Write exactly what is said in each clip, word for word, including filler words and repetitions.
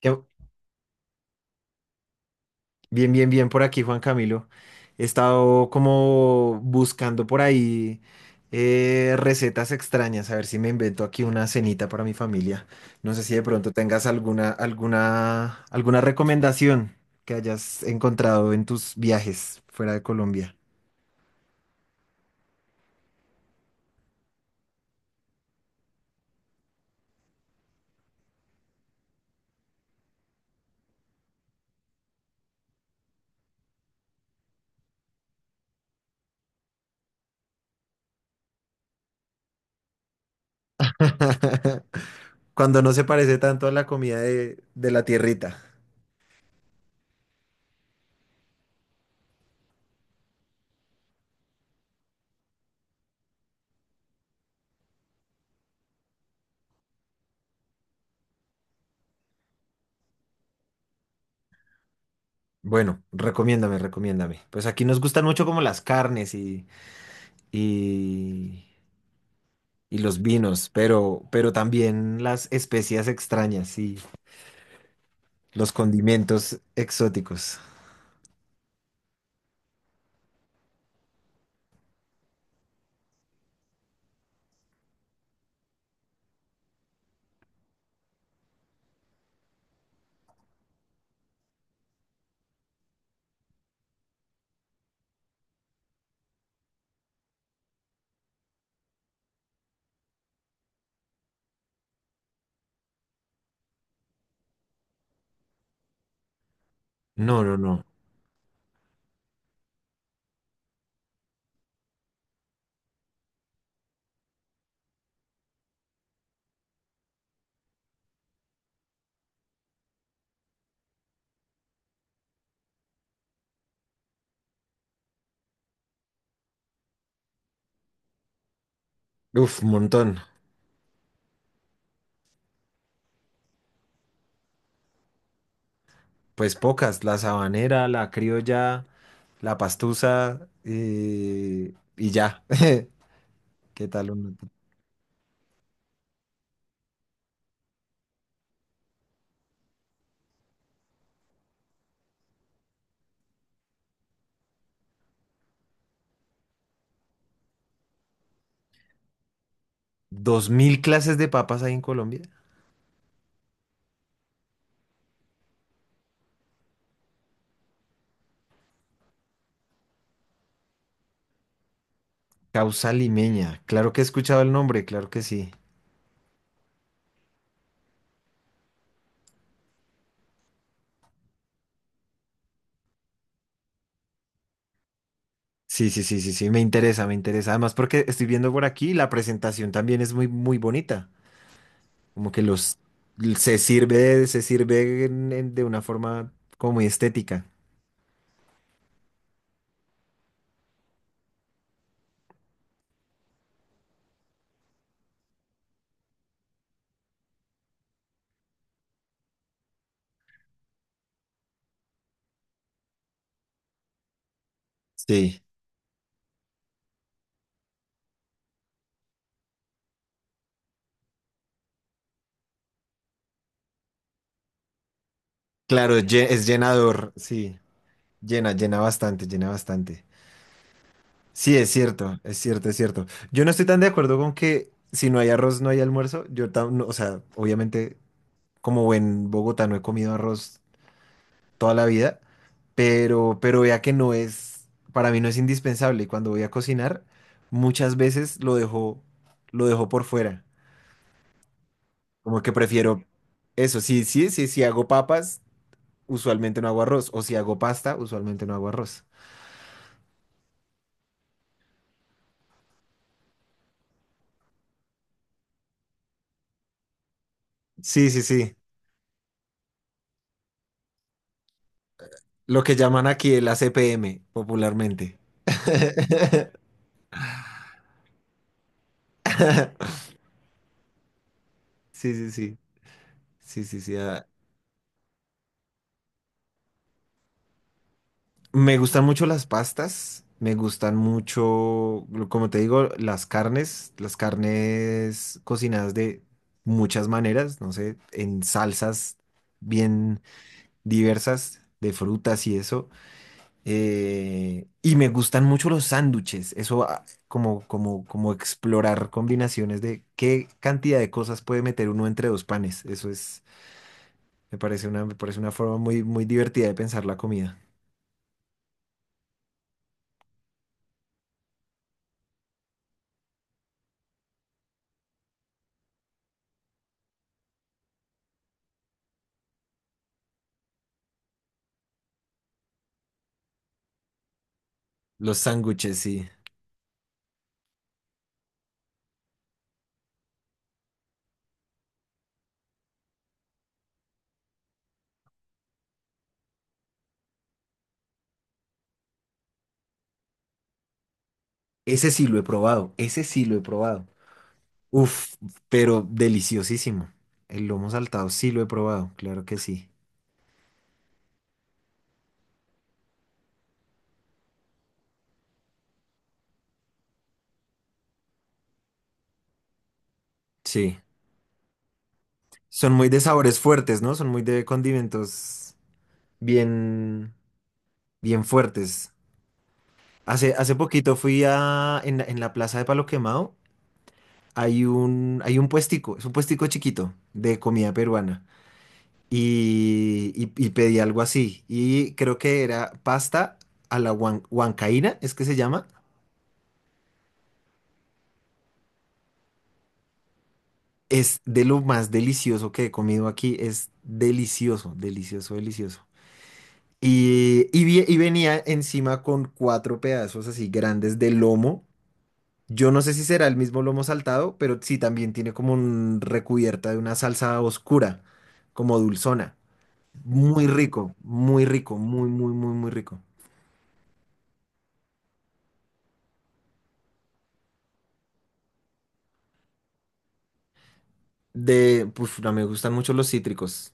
Que- Bien, bien, bien por aquí, Juan Camilo. He estado como buscando por ahí eh, recetas extrañas, a ver si me invento aquí una cenita para mi familia. No sé si de pronto tengas alguna, alguna, alguna recomendación que hayas encontrado en tus viajes fuera de Colombia. Cuando no se parece tanto a la comida de, de la tierrita. Bueno, recomiéndame, recomiéndame. Pues aquí nos gustan mucho como las carnes y, y y los vinos, pero, pero también las especias extrañas y los condimentos exóticos. No, no, no. Uf, montón. Pues pocas, la sabanera, la criolla, la pastusa eh, y ya. ¿Qué tal? un- ¿Dos mil clases de papas hay en Colombia? Causa limeña. Claro que he escuchado el nombre, claro que sí. Sí, sí, sí, sí, sí, me interesa, me interesa. Además, porque estoy viendo por aquí, la presentación también es muy, muy bonita. Como que los se sirve, se sirve en- en- de una forma como muy estética. Sí, claro, es lle- es llenador, sí, llena, llena bastante, llena bastante. Sí, es cierto, es cierto, es cierto. Yo no estoy tan de acuerdo con que si no hay arroz no hay almuerzo. Yo tam- no, o sea, obviamente como en Bogotá no he comido arroz toda la vida, pero, pero vea que no es, para mí no es indispensable. Y cuando voy a cocinar, muchas veces lo dejo, lo dejo por fuera. Como que prefiero eso. Sí, sí, sí, si hago papas, usualmente no hago arroz. O si hago pasta, usualmente no hago arroz. Sí, sí, sí. Lo que llaman aquí el A C P M, popularmente. Sí, sí, sí. Sí, sí, sí. Ah. Me gustan mucho las pastas. Me gustan mucho, lo- como te digo, las carnes. Las carnes cocinadas de muchas maneras, no sé, en salsas bien diversas, de frutas y eso. Eh, y me gustan mucho los sándwiches. Eso, ah, como, como, como explorar combinaciones de qué cantidad de cosas puede meter uno entre dos panes. Eso es, me parece una, me parece una forma muy, muy divertida de pensar la comida. Los sándwiches, sí. Ese sí lo he probado. Ese sí lo he probado. Uf, pero deliciosísimo. El lomo saltado sí lo he probado, claro que sí. Sí. Son muy de sabores fuertes, ¿no? Son muy de condimentos bien, bien fuertes. Hace, hace poquito fui a, en, la en la plaza de Palo Quemado, hay un, hay un puestico, es un puestico chiquito de comida peruana. Y, y- y pedí algo así. Y creo que era pasta a la huan- huancaína, es que se llama. Es de lo más delicioso que he comido aquí. Es delicioso, delicioso, delicioso. Y, y vi- y venía encima con cuatro pedazos así grandes de lomo. Yo no sé si será el mismo lomo saltado, pero sí también tiene como un recubierta de una salsa oscura, como dulzona. Muy rico, muy rico, muy, muy, muy, muy rico. De, pues, no, me gustan mucho los cítricos.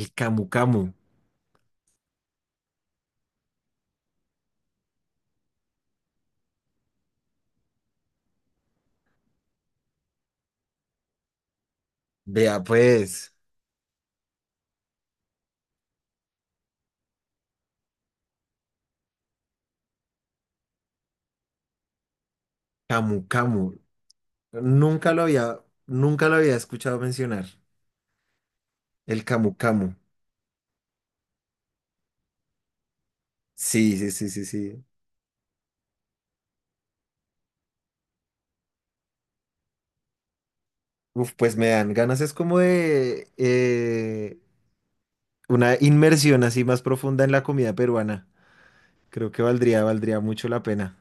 El camu camu. Vea, pues, camu camu. Nunca lo había, nunca lo había escuchado mencionar. El camu camu. Sí, sí, sí, sí, sí. Uf, pues me dan ganas, es como de eh, una inmersión así más profunda en la comida peruana. Creo que valdría, valdría mucho la pena.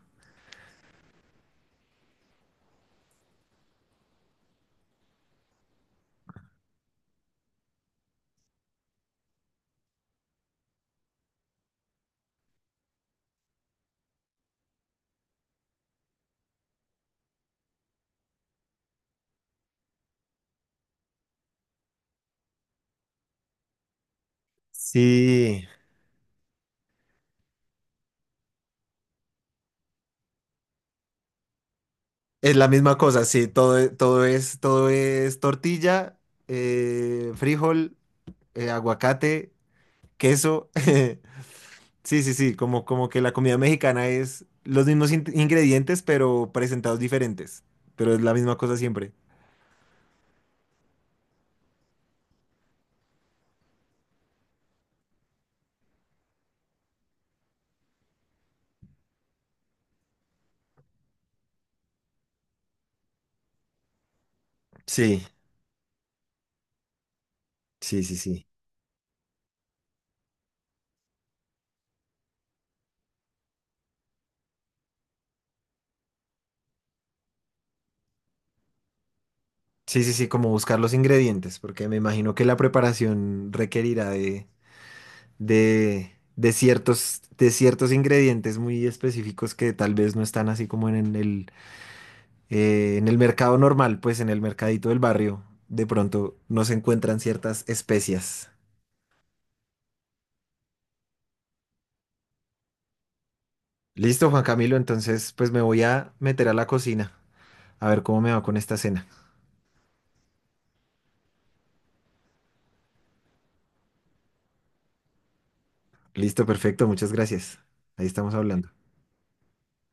Sí, es la misma cosa, sí, todo, e- todo es, todo es tortilla, eh, frijol, eh, aguacate, queso. Sí, sí, sí, como, como que la comida mexicana es los mismos in- ingredientes, pero presentados diferentes, pero es la misma cosa siempre. Sí, sí, sí, sí. Sí, sí, sí, como buscar los ingredientes, porque me imagino que la preparación requerirá de de, de ciertos, de ciertos ingredientes muy específicos que tal vez no están así como en el, eh, en el mercado normal, pues en el mercadito del barrio, de pronto no se encuentran ciertas especias. Listo, Juan Camilo, entonces pues me voy a meter a la cocina a ver cómo me va con esta cena. Listo, perfecto, muchas gracias. Ahí estamos hablando.